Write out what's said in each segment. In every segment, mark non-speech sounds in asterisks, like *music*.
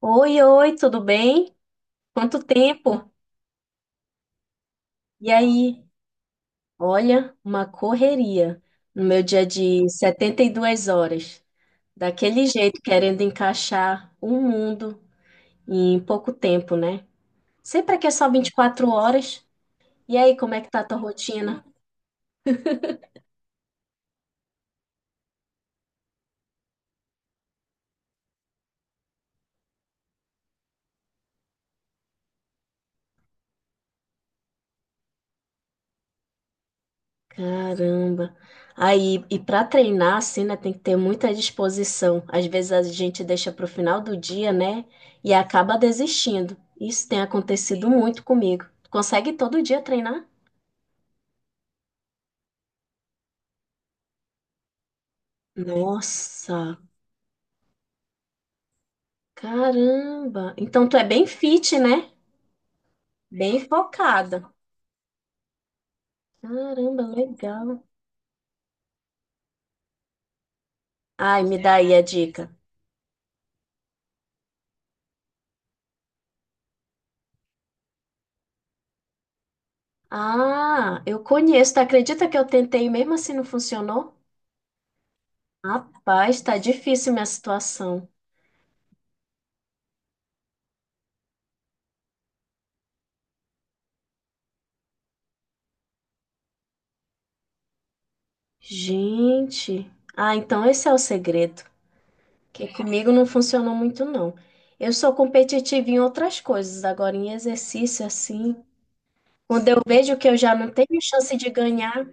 Oi, oi, tudo bem? Quanto tempo? E aí? Olha, uma correria no meu dia de 72 horas. Daquele jeito, querendo encaixar um mundo em pouco tempo, né? Sempre aqui é só 24 horas. E aí, como é que tá a tua rotina? Caramba. Aí, e para treinar assim, né, tem que ter muita disposição. Às vezes a gente deixa para o final do dia, né, e acaba desistindo. Isso tem acontecido muito comigo. Tu consegue todo dia treinar? Nossa, caramba. Então tu é bem fit, né? Bem focada. Caramba, legal. Ai, me dá aí a dica. Ah, eu conheço. Tu acredita que eu tentei e mesmo assim não funcionou? Rapaz, tá difícil minha situação. Gente, ah, então esse é o segredo, que comigo não funcionou muito não. Eu sou competitiva em outras coisas, agora em exercício assim, quando eu vejo que eu já não tenho chance de ganhar,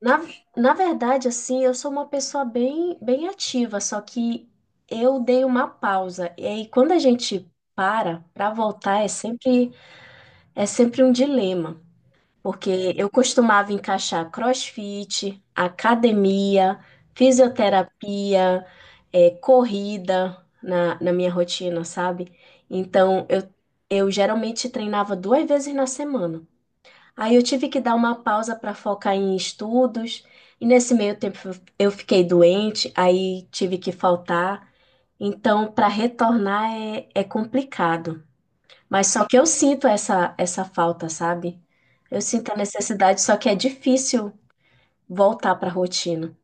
na, na verdade assim, eu sou uma pessoa bem bem ativa, só que eu dei uma pausa. E aí quando a gente para para voltar é sempre um dilema. Porque eu costumava encaixar CrossFit, academia, fisioterapia, corrida na minha rotina, sabe? Então, eu geralmente treinava duas vezes na semana. Aí eu tive que dar uma pausa para focar em estudos, e nesse meio tempo eu fiquei doente, aí tive que faltar. Então, para retornar é complicado. Mas só que eu sinto essa falta, sabe? Eu sinto a necessidade, só que é difícil voltar para a rotina.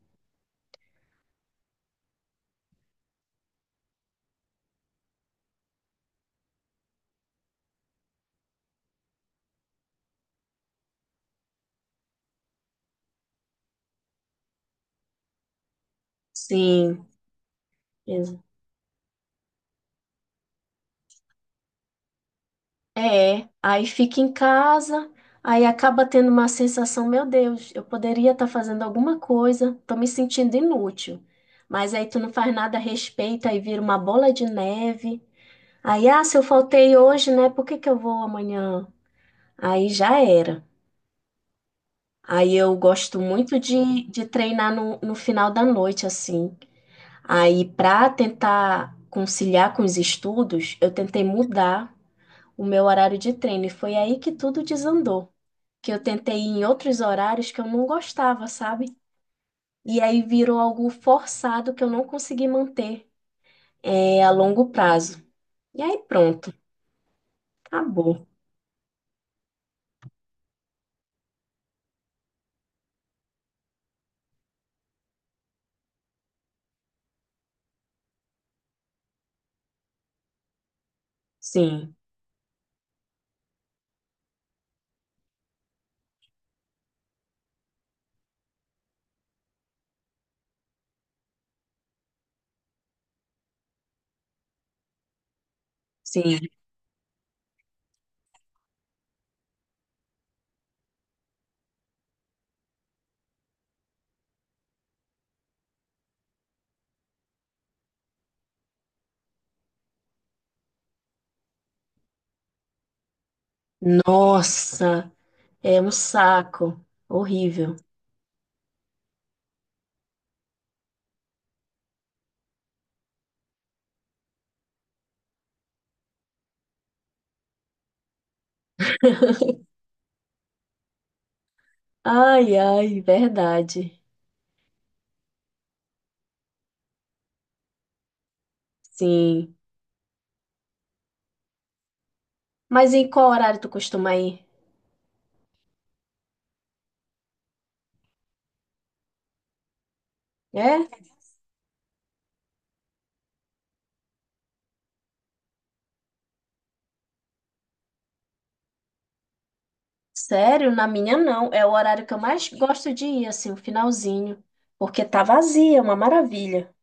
Sim, exa- é. Aí fica em casa, aí acaba tendo uma sensação, meu Deus, eu poderia estar fazendo alguma coisa, tô me sentindo inútil. Mas aí tu não faz nada a respeito, aí vira uma bola de neve. Aí, ah, se eu faltei hoje, né? Por que que eu vou amanhã? Aí já era. Aí eu gosto muito de treinar no final da noite, assim. Aí, para tentar conciliar com os estudos, eu tentei mudar o meu horário de treino. E foi aí que tudo desandou. Que eu tentei ir em outros horários que eu não gostava, sabe? E aí virou algo forçado que eu não consegui manter, a longo prazo. E aí pronto, acabou. Sim, sim. Nossa, é um saco. Horrível. *laughs* Ai, ai, verdade. Sim. Mas em qual horário tu costuma ir? É? Sério? Na minha não. É o horário que eu mais gosto de ir, assim, o finalzinho. Porque tá vazia, é uma maravilha.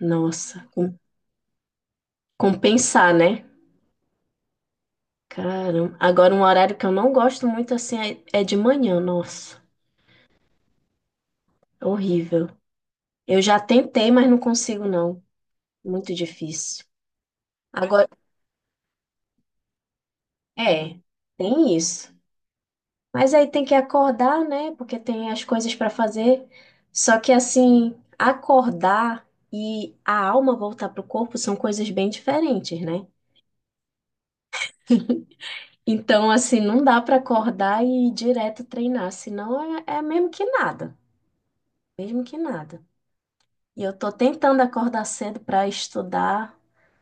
Nossa, compensar, né? Caramba. Agora, um horário que eu não gosto muito, assim, é é de manhã. Nossa, é horrível. Eu já tentei, mas não consigo, não. Muito difícil. Agora, é, tem isso. Mas aí tem que acordar, né? Porque tem as coisas para fazer. Só que assim, acordar e a alma voltar pro corpo são coisas bem diferentes, né? Então, assim, não dá para acordar e ir direto treinar, senão é mesmo que nada, mesmo que nada. E eu tô tentando acordar cedo para estudar,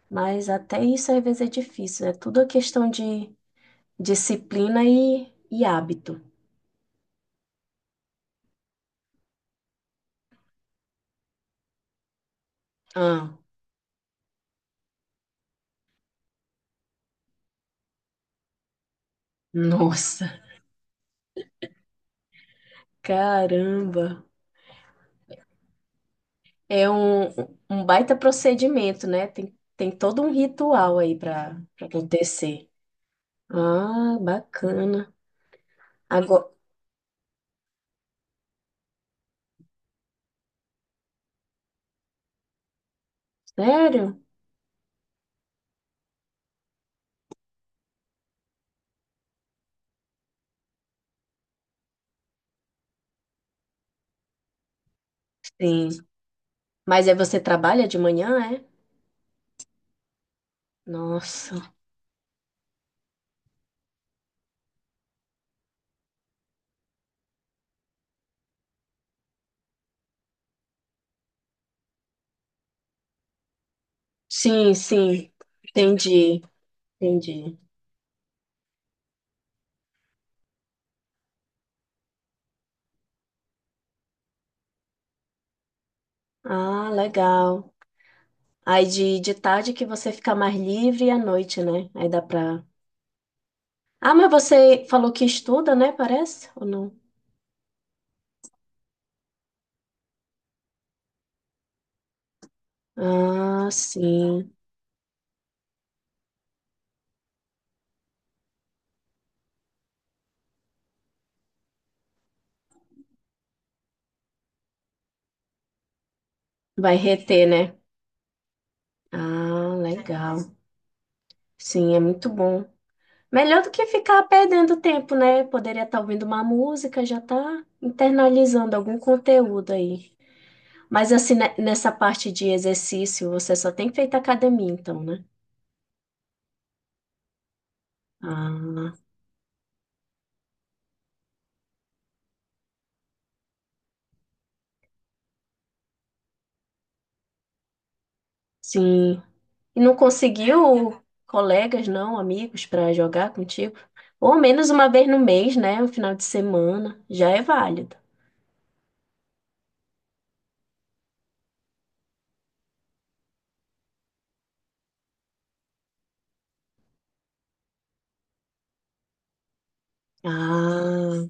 mas até isso às vezes é difícil. É tudo questão de disciplina e hábito. Ah, *laughs* nossa, caramba. É um, um baita procedimento, né? Tem, tem todo um ritual aí para acontecer. Ah, bacana. Agora, sério? Sim. Mas aí você trabalha de manhã, é? Nossa. Sim, sim. Entendi, entendi. Ah, legal. Aí de tarde que você fica mais livre e à noite, né? Aí dá pra. Ah, mas você falou que estuda, né? Parece? Ou não? Ah, sim. Vai reter, né? Ah, legal. Sim, é muito bom. Melhor do que ficar perdendo tempo, né? Poderia estar ouvindo uma música, já tá internalizando algum conteúdo aí. Mas assim, nessa parte de exercício, você só tem feito academia, então, né? Ah, sim. E não conseguiu colegas, não, amigos, para jogar contigo? Ou ao menos uma vez no mês, né? Um final de semana, já é válido. Ah,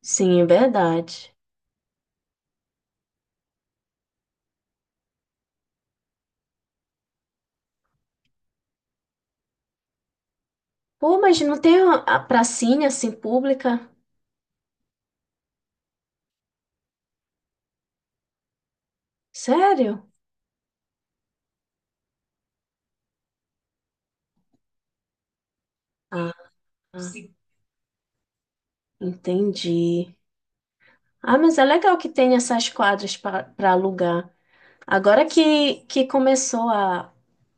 sim, é verdade. Pô, mas não tem a pracinha assim pública? Sério? Ah, Se- entendi. Ah, mas é legal que tem essas quadras para alugar. Agora que começou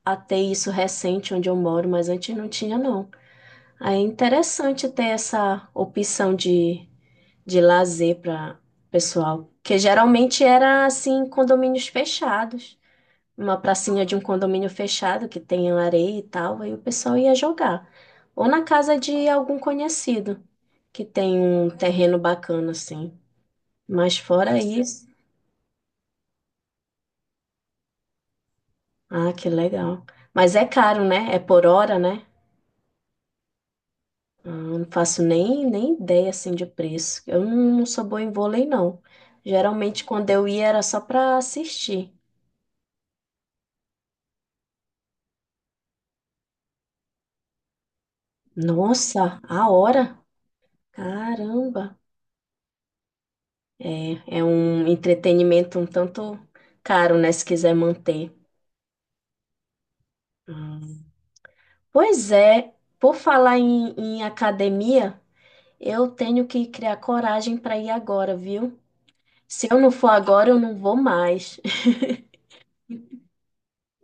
a ter isso recente onde eu moro, mas antes não tinha, não. Aí é interessante ter essa opção de lazer para pessoal, que geralmente era assim, condomínios fechados. Uma pracinha de um condomínio fechado que tenha areia e tal, aí o pessoal ia jogar. Ou na casa de algum conhecido que tem um terreno bacana assim. Mas fora isso, ah, que legal. Mas é caro, né? É por hora, né? Ah, não faço nem, nem ideia assim de preço. Eu não, não sou boa em vôlei, não. Geralmente quando eu ia era só para assistir. Nossa, a hora! Caramba! É, é um entretenimento um tanto caro, né, se quiser manter. Hum. Pois é, por falar em academia, eu tenho que criar coragem para ir agora, viu? Se eu não for agora, eu não vou mais. *laughs*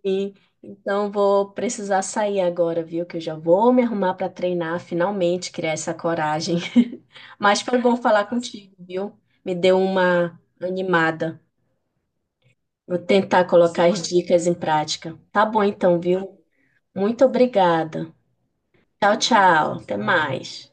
E, então vou precisar sair agora, viu? Que eu já vou me arrumar para treinar, finalmente criar essa coragem. *laughs* Mas foi bom falar contigo, viu? Me deu uma animada. Vou tentar colocar as dicas em prática. Tá bom então, viu? Muito obrigada. Tchau, tchau. Até mais.